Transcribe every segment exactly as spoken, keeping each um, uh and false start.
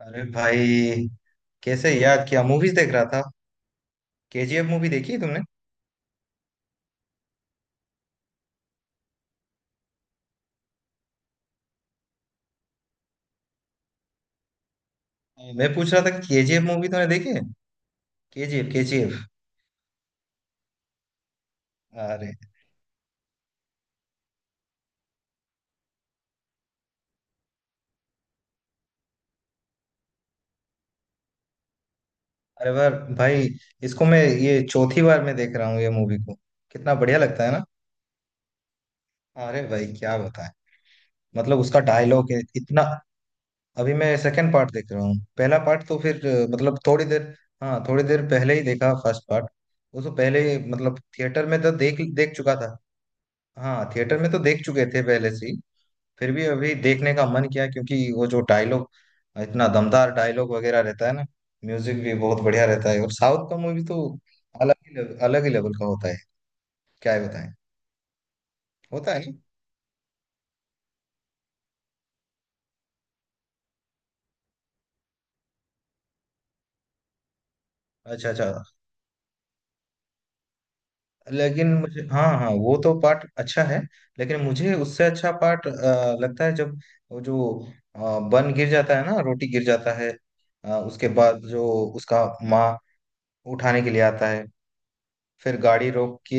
अरे भाई। कैसे याद किया? मूवीज देख रहा था। केजीएफ मूवी देखी है तुमने? मैं पूछ रहा था कि केजीएफ मूवी तुमने देखी है। केजीएफ केजीएफ। अरे। अरे बार भाई, इसको मैं ये चौथी बार मैं देख रहा हूँ ये मूवी को। कितना बढ़िया लगता है ना। अरे भाई, क्या बताएं। मतलब उसका डायलॉग है इतना। अभी मैं सेकंड पार्ट देख रहा हूँ, पहला पार्ट तो फिर अ, मतलब थोड़ी देर। हाँ, थोड़ी देर पहले ही देखा फर्स्ट पार्ट। वो तो पहले ही, मतलब थिएटर में तो देख देख चुका था। हाँ, थिएटर में तो देख चुके थे पहले से ही। फिर भी अभी देखने का मन किया क्योंकि वो जो डायलॉग, इतना दमदार डायलॉग वगैरह रहता है ना। म्यूजिक भी बहुत बढ़िया रहता है और साउथ का मूवी तो अलग ही लेव- अलग ही लेवल का होता है। क्या ही बताएं। होता है ना। अच्छा अच्छा। लेकिन मुझे, हाँ हाँ, वो तो पार्ट अच्छा है। लेकिन मुझे उससे अच्छा पार्ट लगता है जब वो जो अ, बन गिर जाता है ना, रोटी गिर जाता है। अ, उसके बाद जो उसका माँ उठाने के लिए आता है, फिर गाड़ी रोक के।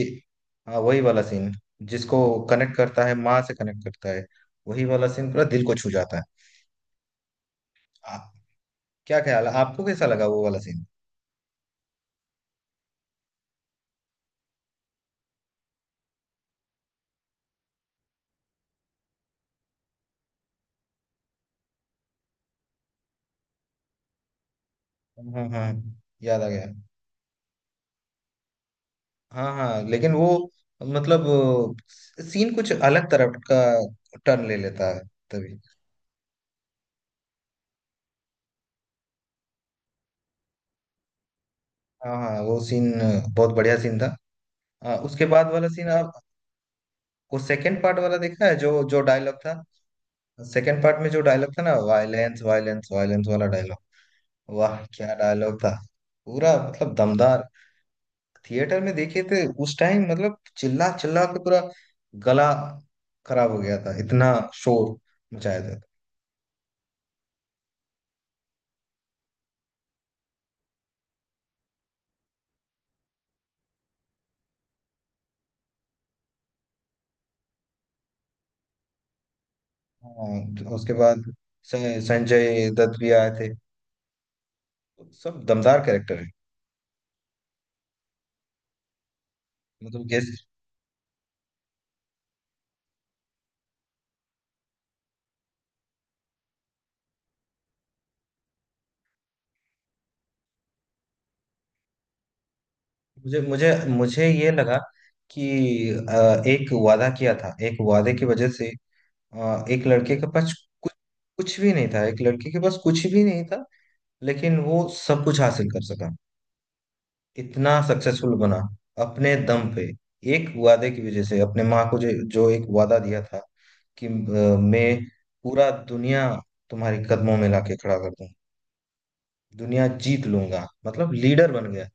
हाँ, वही वाला सीन, जिसको कनेक्ट करता है, माँ से कनेक्ट करता है। वही वाला सीन पूरा दिल को छू जाता है। आप, क्या ख्याल है, आपको कैसा लगा वो वाला सीन? हाँ हाँ, याद आ गया। हाँ हाँ, लेकिन वो मतलब सीन कुछ अलग तरह का टर्न ले लेता है तभी। हाँ हाँ, वो सीन बहुत बढ़िया सीन था। हाँ, उसके बाद वाला सीन आप वो सेकंड पार्ट वाला देखा है, जो जो डायलॉग था, सेकंड पार्ट में जो डायलॉग था ना, वायलेंस वायलेंस वायलेंस वाला डायलॉग। वाह, क्या डायलॉग था। पूरा मतलब दमदार। थिएटर में देखे थे उस टाइम, मतलब चिल्ला चिल्ला के पूरा गला खराब हो गया था, इतना शोर मचाया था। हाँ, उसके बाद स- संजय दत्त भी आए थे। सब दमदार कैरेक्टर है। मतलब जैसे मुझे मुझे मुझे ये लगा कि अ, एक वादा किया था, एक वादे की वजह से अ, एक लड़के के पास कुछ, कुछ भी नहीं था, एक लड़के के पास कुछ भी नहीं था, लेकिन वो सब कुछ हासिल कर सका। इतना सक्सेसफुल बना अपने दम पे, एक वादे की वजह से, अपने माँ को जो जो एक वादा दिया था कि अ, मैं पूरा दुनिया तुम्हारे कदमों में लाके खड़ा कर दूं, दुनिया जीत लूंगा, मतलब लीडर बन गया।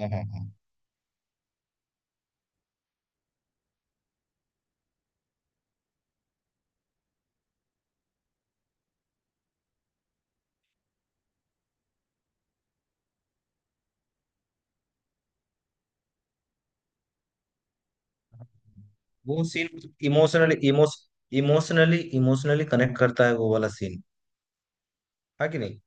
हाँ हाँ हाँ, वो सीन इमोशनली इमोश इमोशनली इमोशनली कनेक्ट करता है वो वाला सीन। हाँ कि नहीं?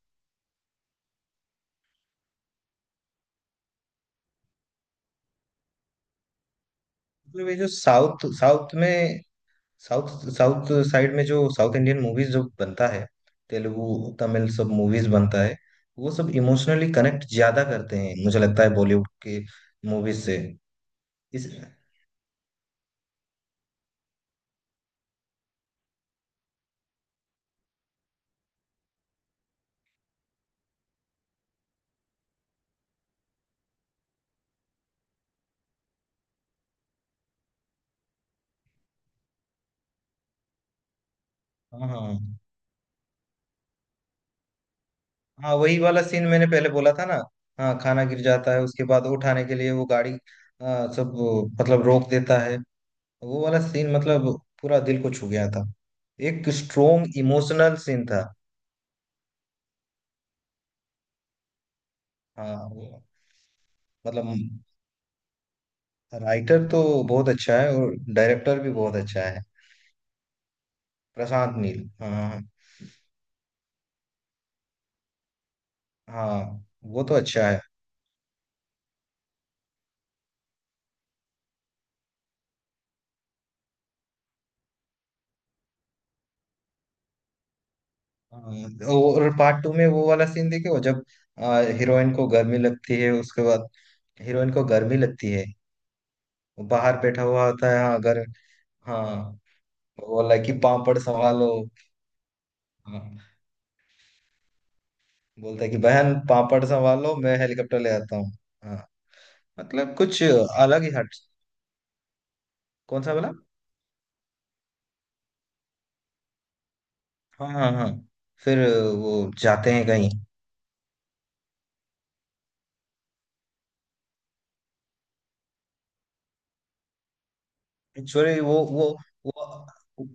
मतलब ये जो साउथ साउथ में साउथ साउथ साइड में जो साउथ इंडियन मूवीज जो बनता है, तेलुगु, तमिल सब मूवीज बनता है, वो सब इमोशनली कनेक्ट ज्यादा करते हैं, मुझे लगता है बॉलीवुड के मूवीज से। इस हाँ हाँ हाँ, वही वाला सीन मैंने पहले बोला था ना। हाँ, खाना गिर जाता है उसके बाद उठाने के लिए वो गाड़ी, आ, सब मतलब रोक देता है। वो वाला सीन मतलब पूरा दिल को छू गया था। एक स्ट्रोंग इमोशनल सीन था। हाँ वो मतलब, राइटर तो बहुत अच्छा है और डायरेक्टर भी बहुत अच्छा है। प्रशांत नील, हाँ। हाँ, वो तो अच्छा है। हाँ, और पार्ट टू में वो वाला सीन देखे वो जब हीरोइन को गर्मी लगती है उसके बाद, हीरोइन को गर्मी लगती है, वो बाहर बैठा हुआ होता है, हाँ, घर। हाँ, वो बोला कि पापड़ संभालो। हाँ, बोलता है कि बहन पापड़ संभालो, मैं हेलीकॉप्टर ले आता हूँ। हाँ, मतलब कुछ अलग ही हट। कौन सा बोला? हाँ हाँ हाँ, फिर वो जाते हैं कहीं। एक्चुअली वो वो वो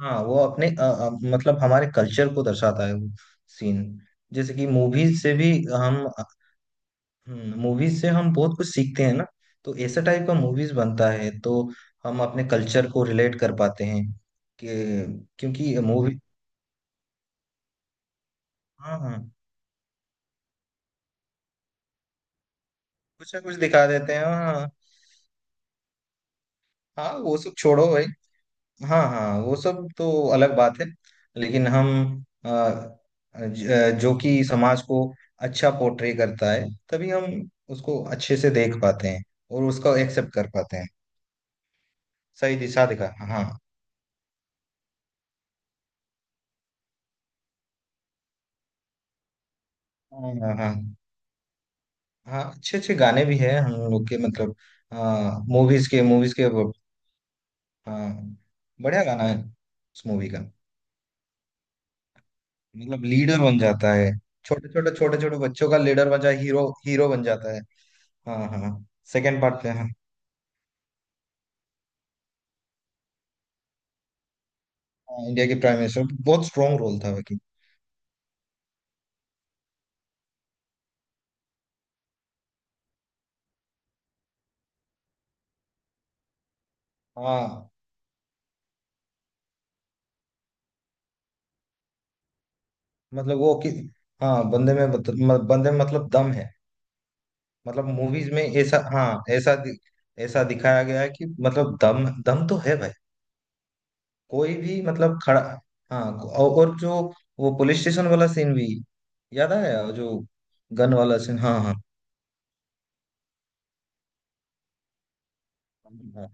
हाँ, वो अपने अ, अ, मतलब हमारे कल्चर को दर्शाता है वो सीन, जैसे कि मूवीज से भी हम, मूवीज से हम बहुत कुछ सीखते हैं ना, तो ऐसे टाइप का मूवीज बनता है तो हम अपने कल्चर को रिलेट कर पाते हैं कि, क्योंकि मूवी, हाँ हाँ, कुछ ना कुछ दिखा देते हैं, हाँ हाँ। हाँ, वो सब छोड़ो भाई। हाँ हाँ, वो सब तो अलग बात है। लेकिन हम अ, ज- जो कि समाज को अच्छा पोर्ट्रे करता है तभी हम उसको अच्छे से देख पाते हैं और उसको एक्सेप्ट कर पाते हैं। सही दिशा दिखा, हाँ। हाँ हाँ। हाँ, अच्छे अच्छे गाने भी हैं हम लोग के, मतलब मूवीज के मूवीज के वो, हाँ, बढ़िया गाना है उस मूवी का। मतलब लीडर बन जाता है। छोटे छोटे छोटे छोटे बच्चों का लीडर बन जाए, हीरो हीरो बन जाता है। हाँ हाँ, सेकेंड पार्ट पे। हाँ। हाँ, इंडिया की प्राइम मिनिस्टर, बहुत स्ट्रांग रोल था बाकी। हाँ मतलब वो कि, हाँ, बंदे में बत- म- बंदे में मतलब दम है। मतलब मूवीज में ऐसा, हाँ, ऐसा दि- ऐसा दिखाया गया है कि मतलब दम दम तो है भाई। कोई भी मतलब खड़ा, हाँ, और और जो वो पुलिस स्टेशन वाला सीन भी याद आया, जो गन वाला सीन, हाँ हाँ। हाँ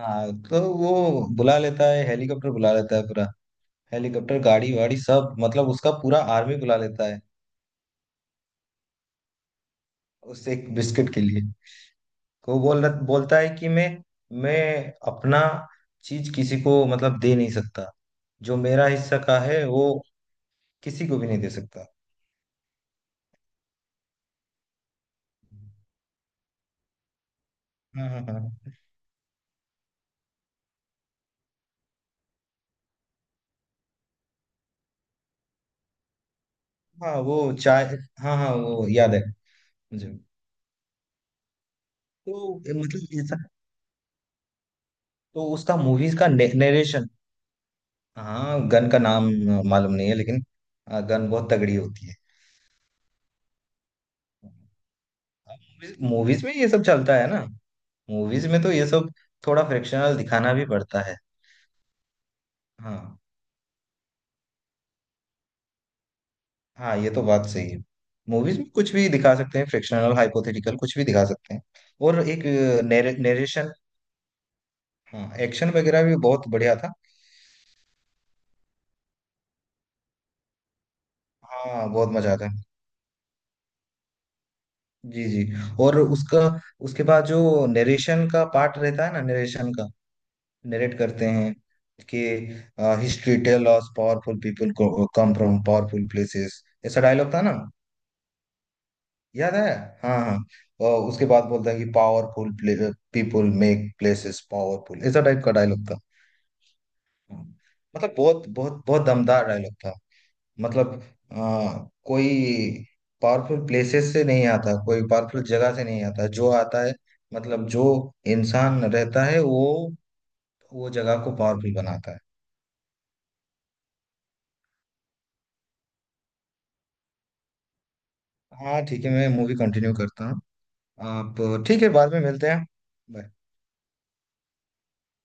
हाँ, तो वो बुला लेता है, हेलीकॉप्टर बुला लेता है पूरा, हेलीकॉप्टर गाड़ी वाड़ी सब मतलब, उसका पूरा आर्मी बुला लेता है उस एक बिस्किट के लिए। को बोल बोलता है कि मैं मैं अपना चीज किसी को मतलब दे नहीं सकता, जो मेरा हिस्सा का है वो किसी को भी नहीं दे सकता। हाँ हाँ हाँ, हाँ वो चाय, हाँ हाँ, वो याद है मुझे। तो ये मतलब ऐसा, तो उसका मूवीज का नरेशन, हाँ, गन का नाम अ, मालूम नहीं है, लेकिन गन बहुत तगड़ी होती है। मूवीज मूवीज में ये सब चलता है ना, मूवीज में तो ये सब थोड़ा फ्रिक्शनल दिखाना भी पड़ता है। हाँ हाँ, ये तो बात सही है। मूवीज में कुछ भी दिखा सकते हैं, फ्रिक्शनल हाइपोथेटिकल कुछ भी दिखा सकते हैं। और एक नरेशन, हाँ, एक्शन वगैरह भी बहुत बढ़िया था। हाँ, बहुत मजा आता है। जी जी। और उसका, उसके बाद जो नरेशन का पार्ट रहता है ना, नरेशन का नरेट करते हैं कि, history tell us powerful people come from powerful places, ऐसा डायलॉग था ना। याद है? हाँ हाँ, और उसके बाद बोलता है कि powerful people make places powerful, ऐसा टाइप का डायलॉग था। हाँ, मतलब बहुत बहुत बहुत दमदार डायलॉग था। मतलब आ, कोई पावरफुल प्लेसेस से नहीं आता, कोई पावरफुल जगह से नहीं आता, जो आता है मतलब जो इंसान रहता है वो वो जगह को पावरफुल बनाता है। हाँ ठीक है, मैं मूवी कंटिन्यू करता हूँ। आप ठीक है, बाद में मिलते हैं। Bye.